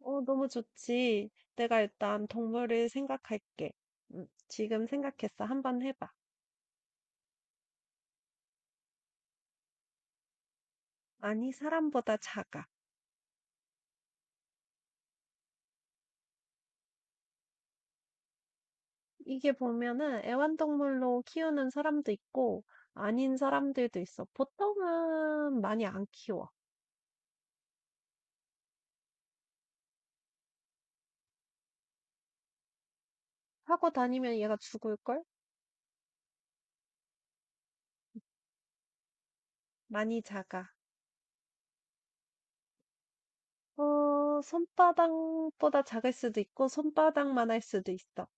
너무 좋지. 내가 일단 동물을 생각할게. 지금 생각했어. 한번 해봐. 아니, 사람보다 작아. 이게 보면은 애완동물로 키우는 사람도 있고, 아닌 사람들도 있어. 보통은 많이 안 키워. 하고 다니면 얘가 죽을걸? 많이 작아. 어, 손바닥보다 작을 수도 있고, 손바닥만 할 수도 있어.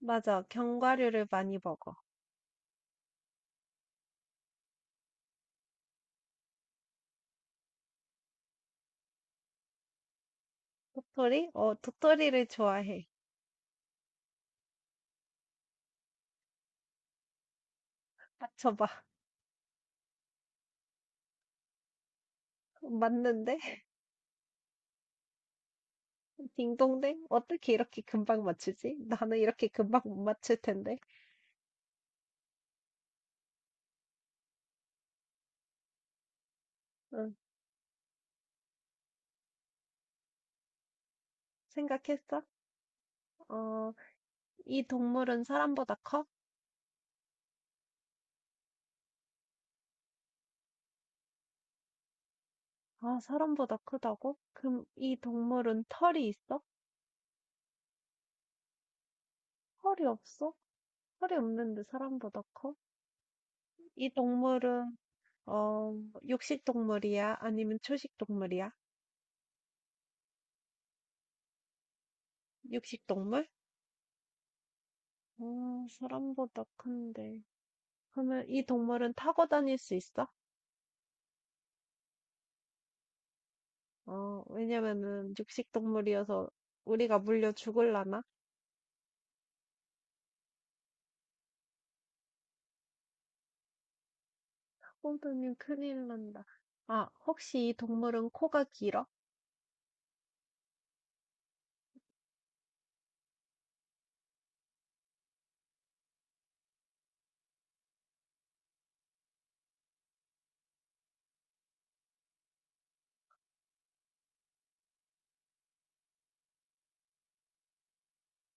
맞아. 견과류를 많이 먹어. 도토리? 어, 도토리를 좋아해. 맞춰봐. 맞는데? 딩동댕? 어떻게 이렇게 금방 맞추지? 나는 이렇게 금방 못 맞출 텐데. 응, 생각했어? 어, 이 동물은 사람보다 커? 아, 사람보다 크다고? 그럼 이 동물은 털이 있어? 털이 없어? 털이 없는데 사람보다 커? 이 동물은, 어, 육식 동물이야? 아니면 초식 동물이야? 육식 동물? 어, 사람보다 큰데. 그러면 이 동물은 타고 다닐 수 있어? 어, 왜냐면은 육식 동물이어서 우리가 물려 죽을라나? 호두님 큰일 난다. 아, 혹시 이 동물은 코가 길어?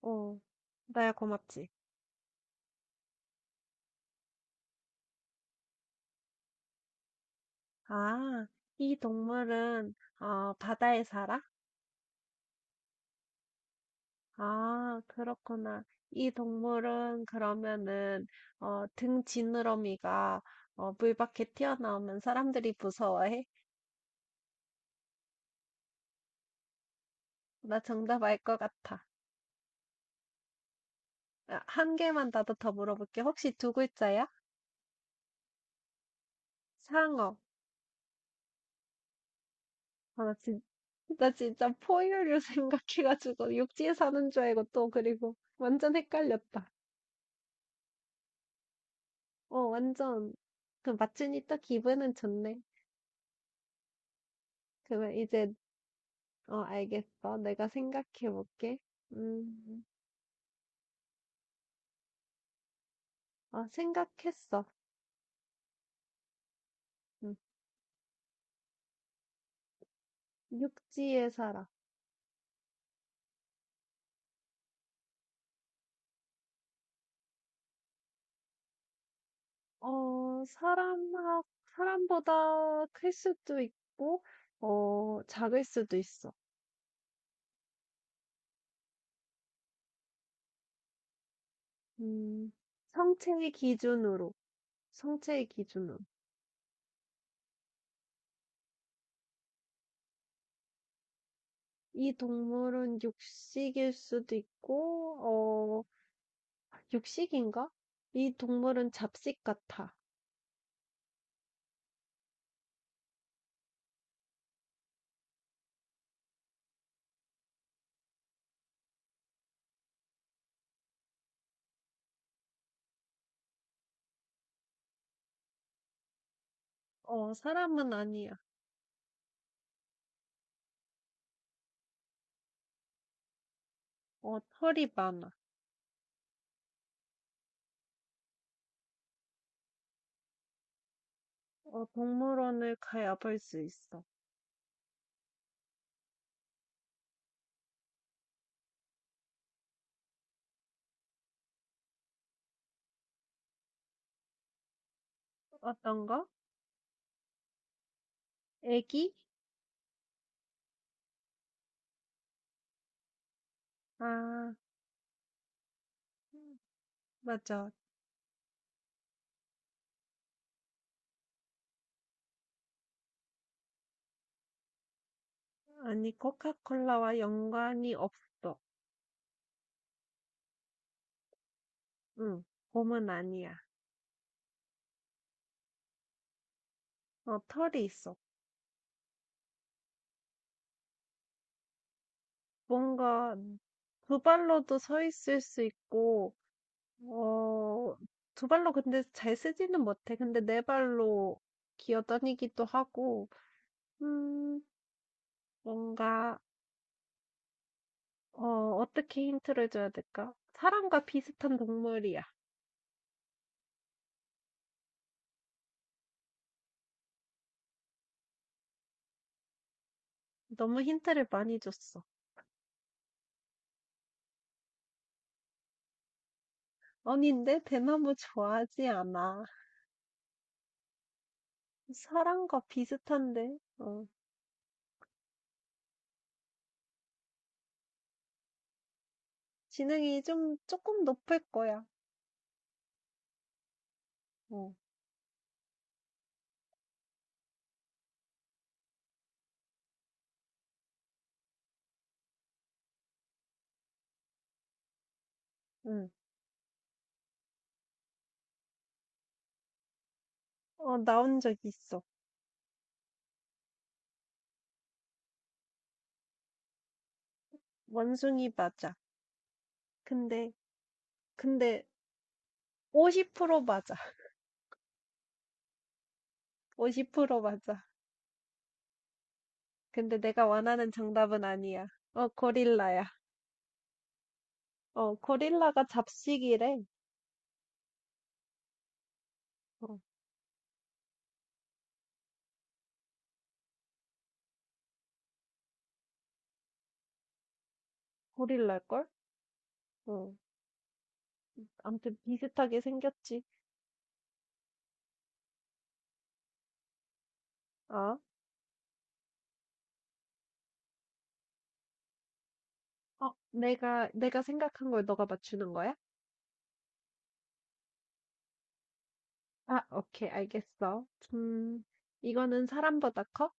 어, 나야 고맙지. 아, 이 동물은 바다에 살아? 아, 그렇구나. 이 동물은 그러면은 등 지느러미가 물 밖에 튀어나오면 사람들이 무서워해? 나 정답 알 것 같아. 아, 한 개만 나도 더 물어볼게. 혹시 두 글자야? 상어. 아, 나 진, 나 진짜 포유류 생각해가지고 육지에 사는 줄 알고 또 그리고 완전 헷갈렸다. 어, 완전 그 맞추니 또 기분은 좋네. 그러면 이제 알겠어. 내가 생각해볼게. 음. 아, 생각했어. 응. 육지에 살아. 어, 사람하, 사람보다 클 수도 있고, 어, 작을 수도 있어. 음, 성체의 기준으로, 성체의 기준으로. 이 동물은 육식일 수도 있고, 어, 육식인가? 이 동물은 잡식 같아. 어, 사람은 아니야. 어, 털이 많아. 어, 동물원을 가야 볼 수 있어. 어떤가? 애기? 아. 음, 맞아. 아니, 코카콜라와 연관이 없어. 응, 곰은 아니야. 어, 털이 있어. 뭔가 두 발로도 서 있을 수 있고, 어, 두 발로 근데 잘 쓰지는 못해. 근데 네 발로 기어다니기도 하고, 음, 뭔가, 어, 어떻게 힌트를 줘야 될까? 사람과 비슷한 동물이야. 너무 힌트를 많이 줬어. 아니, 내 대나무 좋아하지 않아. 사랑과 비슷한데. 어. 지능이 좀 조금 높을 거야. 어. 응. 어 나온 적 있어. 원숭이 맞아. 근데 근데 50% 맞아. 50% 맞아. 근데 내가 원하는 정답은 아니야. 어 고릴라야. 어 고릴라가 잡식이래. 어 고릴라일걸? 어. 아무튼 비슷하게 생겼지. 어? 어 내가 생각한 걸 너가 맞추는 거야? 아 오케이 알겠어. 음 이거는 사람보다 커?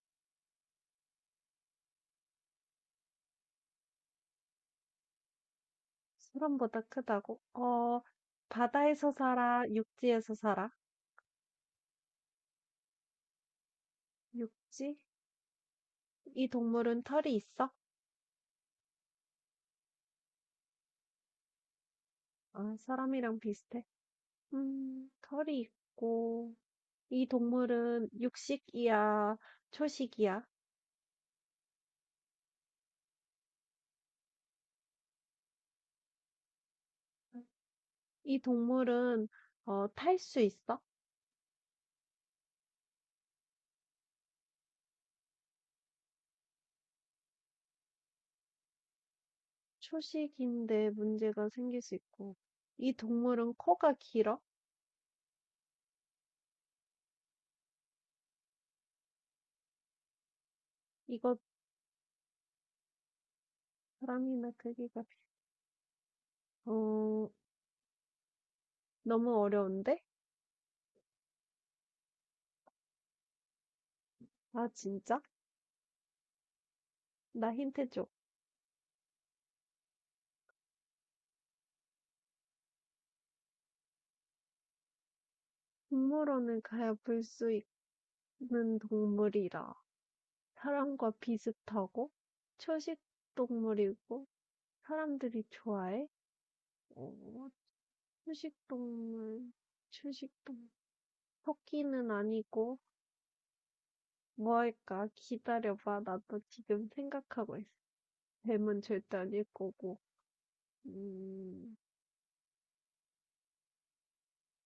사람보다 크다고? 어, 바다에서 살아, 육지에서 살아? 육지? 이 동물은 털이 있어? 아, 사람이랑 비슷해. 털이 있고, 이 동물은 육식이야, 초식이야? 이 동물은 탈 수 있어? 초식인데 문제가 생길 수 있고, 이 동물은 코가 길어? 이거 사람이나 크기가, 비- 어, 너무 어려운데? 아, 진짜? 나 힌트 줘. 동물원을 가야 볼 수 있는 동물이라 사람과 비슷하고 초식 동물이고 사람들이 좋아해. 어, 초식 동물, 초식 동물. 토끼는 아니고 뭐 할까? 기다려봐. 나도 지금 생각하고 있어. 뱀은 절대 아닐 거고. 음,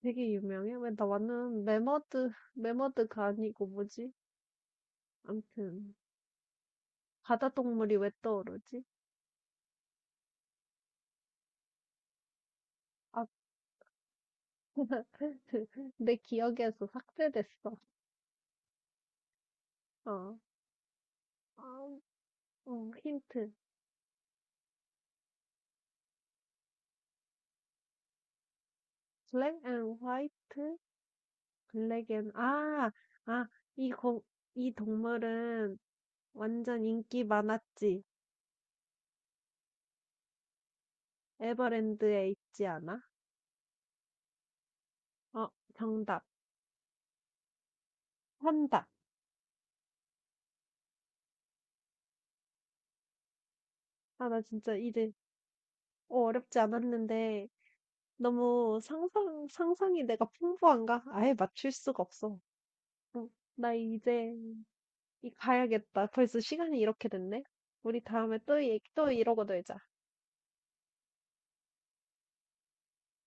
되게 유명해. 매머드가 아니고 뭐지? 암튼 바다 동물이 왜 떠오르지? 아.. 내 기억에서 삭제됐어. 어, 아, 힌트. 블랙 앤 화이트, 블랙 앤, 아, 아, 이 거, 이 동물은 완전 인기 많았지. 에버랜드에 있지 않아? 어, 정답. 판다. 아, 나 진짜 이제, 어, 어렵지 않았는데, 상상이 내가 풍부한가? 아예 맞출 수가 없어. 음, 나 이제 이 가야겠다. 벌써 시간이 이렇게 됐네. 우리 다음에 또 얘기, 또 이러고 놀자.